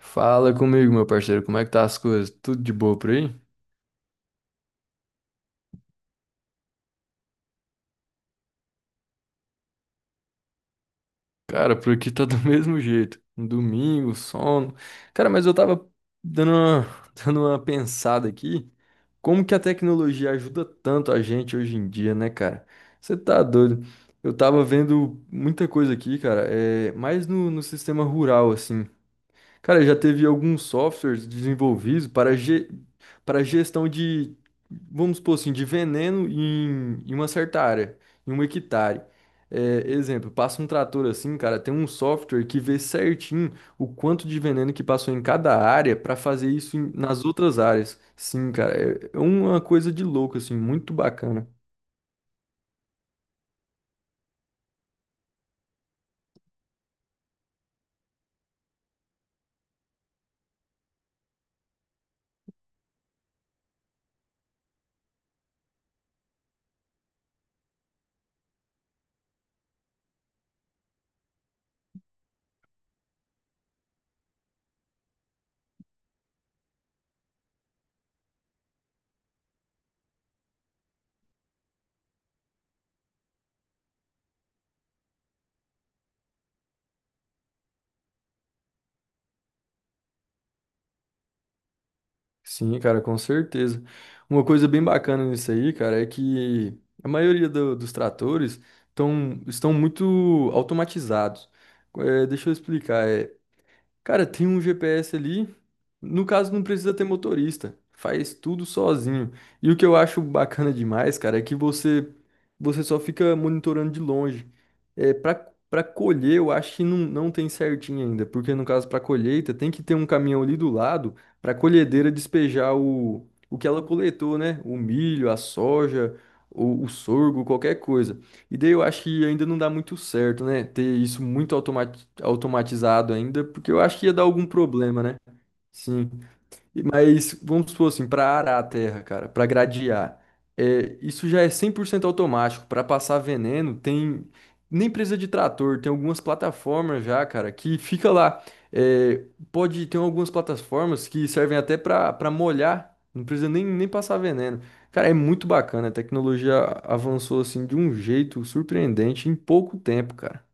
Fala comigo, meu parceiro, como é que tá as coisas? Tudo de boa por aí? Cara, por aqui tá do mesmo jeito. Um domingo, sono. Cara, mas eu tava dando uma, dando uma pensada aqui, como que a tecnologia ajuda tanto a gente hoje em dia, né, cara? Você tá doido? Eu tava vendo muita coisa aqui, cara, mais no, sistema rural, assim. Cara, já teve alguns softwares desenvolvidos para gestão de, vamos supor assim, de veneno em uma certa área, em um hectare. É, exemplo, passa um trator assim, cara, tem um software que vê certinho o quanto de veneno que passou em cada área para fazer isso nas outras áreas. Sim, cara, é uma coisa de louco, assim, muito bacana. Sim, cara, com certeza. Uma coisa bem bacana nisso aí, cara, é que a maioria dos tratores estão muito automatizados. É, deixa eu explicar. Cara, tem um GPS ali. No caso, não precisa ter motorista. Faz tudo sozinho. E o que eu acho bacana demais, cara, é que você só fica monitorando de longe. É, para colher, eu acho que não tem certinho ainda, porque no caso para colheita tem que ter um caminhão ali do lado para a colhedeira despejar o que ela coletou, né? O milho, a soja, o sorgo, qualquer coisa. E daí eu acho que ainda não dá muito certo, né? Ter isso muito automatizado ainda, porque eu acho que ia dar algum problema, né? Sim. Mas vamos supor assim, para arar a terra, cara, para gradear, isso já é 100% automático. Para passar veneno, tem nem precisa de trator, tem algumas plataformas já, cara, que fica lá. É, pode ter algumas plataformas que servem até para molhar, não precisa nem passar veneno. Cara, é muito bacana, a tecnologia avançou assim de um jeito surpreendente em pouco tempo, cara.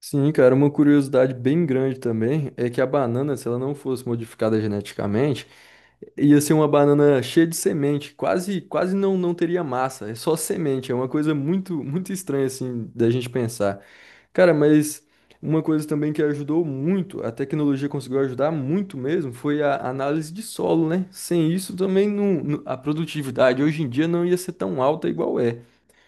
Sim, cara, uma curiosidade bem grande também é que a banana, se ela não fosse modificada geneticamente, ia ser uma banana cheia de semente, quase quase não teria massa, é só semente, é uma coisa muito muito estranha assim da gente pensar. Cara, mas uma coisa também que ajudou muito, a tecnologia conseguiu ajudar muito mesmo, foi a análise de solo, né? Sem isso também a produtividade hoje em dia não ia ser tão alta igual é.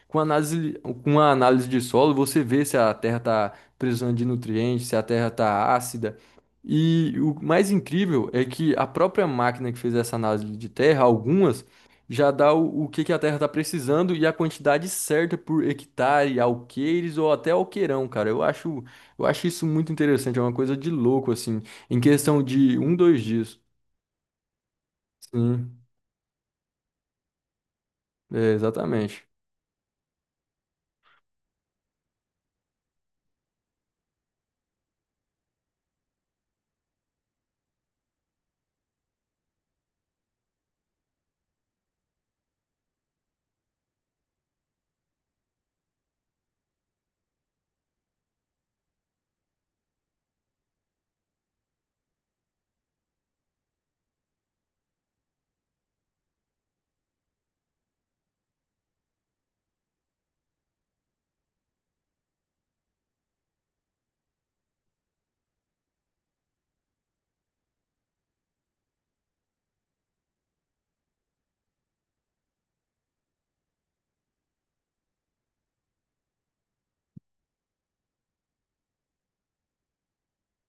Com análise, com a análise de solo, você vê se a terra está precisando de nutrientes, se a terra está ácida. E o mais incrível é que a própria máquina que fez essa análise de terra, algumas, já dá o que, a terra está precisando e a quantidade certa por hectare, alqueires ou até alqueirão, cara. Eu acho isso muito interessante, é uma coisa de louco, assim, em questão de 1, 2 dias. Sim, é, exatamente.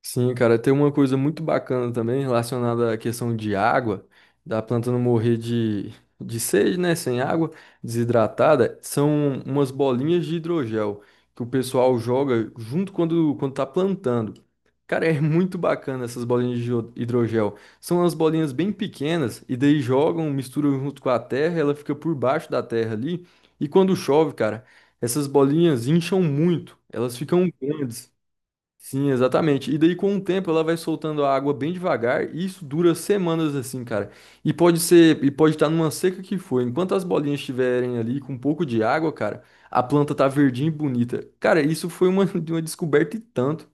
Sim, cara, tem uma coisa muito bacana também relacionada à questão de água, da planta não morrer de sede, né? Sem água, desidratada, são umas bolinhas de hidrogel que o pessoal joga junto quando tá plantando. Cara, é muito bacana essas bolinhas de hidrogel. São umas bolinhas bem pequenas e daí jogam, misturam junto com a terra, ela fica por baixo da terra ali. E quando chove, cara, essas bolinhas incham muito, elas ficam grandes. Sim, exatamente. E daí, com o tempo, ela vai soltando a água bem devagar, e isso dura semanas assim, cara. E pode ser, e pode estar numa seca que for. Enquanto as bolinhas estiverem ali com um pouco de água, cara, a planta tá verdinha e bonita. Cara, isso foi uma descoberta e tanto.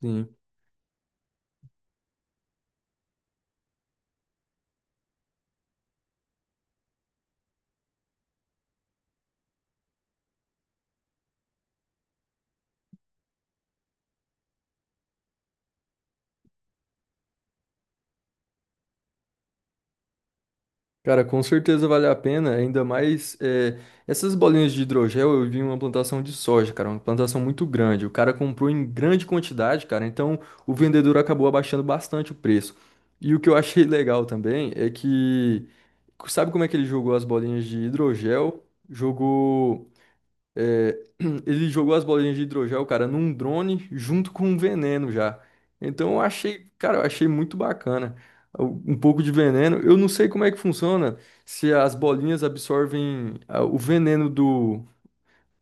Sim. Cara, com certeza vale a pena, ainda mais essas bolinhas de hidrogel. Eu vi uma plantação de soja, cara, uma plantação muito grande. O cara comprou em grande quantidade, cara, então o vendedor acabou abaixando bastante o preço. E o que eu achei legal também é que, sabe como é que ele jogou as bolinhas de hidrogel? Jogou. É, ele jogou as bolinhas de hidrogel, cara, num drone junto com um veneno já. Então eu achei, cara, eu achei muito bacana. Um pouco de veneno. Eu não sei como é que funciona se as bolinhas absorvem o veneno do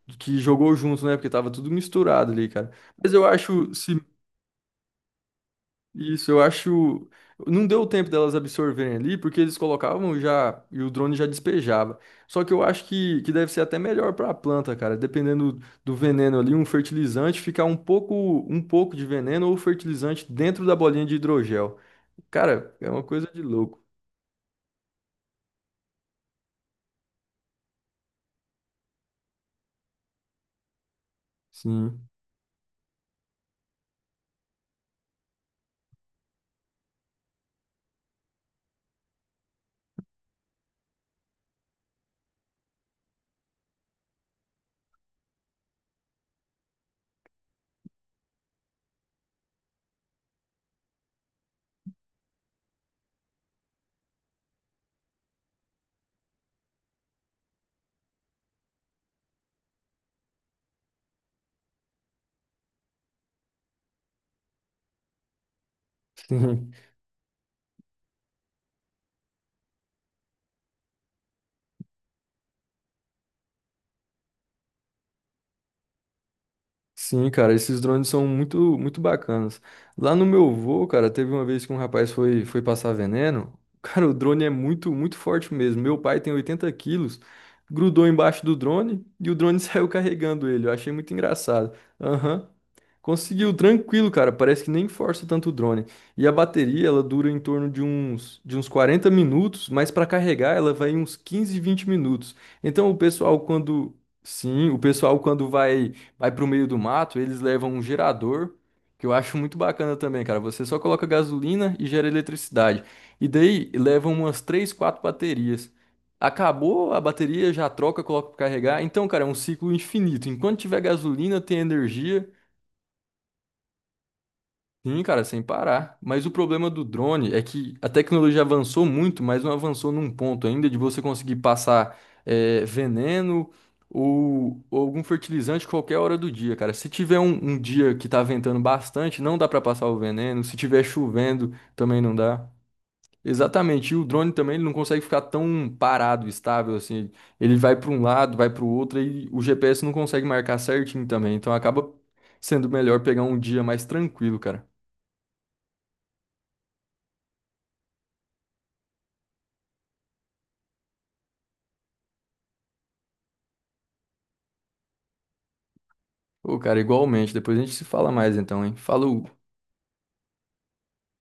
do que jogou junto, né? Porque tava tudo misturado ali, cara. Mas eu acho isso, eu acho. Não deu tempo delas absorverem ali, porque eles colocavam já e o drone já despejava. Só que eu acho que, deve ser até melhor para a planta, cara. Dependendo do veneno ali, um fertilizante ficar um pouco de veneno ou fertilizante dentro da bolinha de hidrogel. Cara, é uma coisa de louco. Sim, sim. Sim, cara, esses drones são muito, muito bacanas. Lá no meu voo, cara, teve uma vez que um rapaz foi passar veneno. Cara, o drone é muito, muito forte mesmo. Meu pai tem 80 quilos, grudou embaixo do drone e o drone saiu carregando ele. Eu achei muito engraçado. Aham. Conseguiu, tranquilo, cara. Parece que nem força tanto o drone. E a bateria, ela dura em torno de de uns 40 minutos, mas para carregar ela vai uns 15, 20 minutos. Então o pessoal quando, sim, o pessoal quando vai pro meio do mato, eles levam um gerador, que eu acho muito bacana também, cara. Você só coloca gasolina e gera eletricidade. E daí levam umas 3, 4 baterias. Acabou a bateria, já troca, coloca para carregar. Então, cara, é um ciclo infinito. Enquanto tiver gasolina, tem energia. Sim, cara, sem parar. Mas o problema do drone é que a tecnologia avançou muito, mas não avançou num ponto ainda de você conseguir passar veneno ou algum fertilizante qualquer hora do dia, cara. Se tiver um dia que tá ventando bastante, não dá pra passar o veneno. Se tiver chovendo, também não dá. Exatamente. E o drone também ele não consegue ficar tão parado, estável assim. Ele vai pra um lado, vai pro outro e o GPS não consegue marcar certinho também. Então acaba sendo melhor pegar um dia mais tranquilo, cara. Ô, cara, igualmente. Depois a gente se fala mais então, hein? Falou!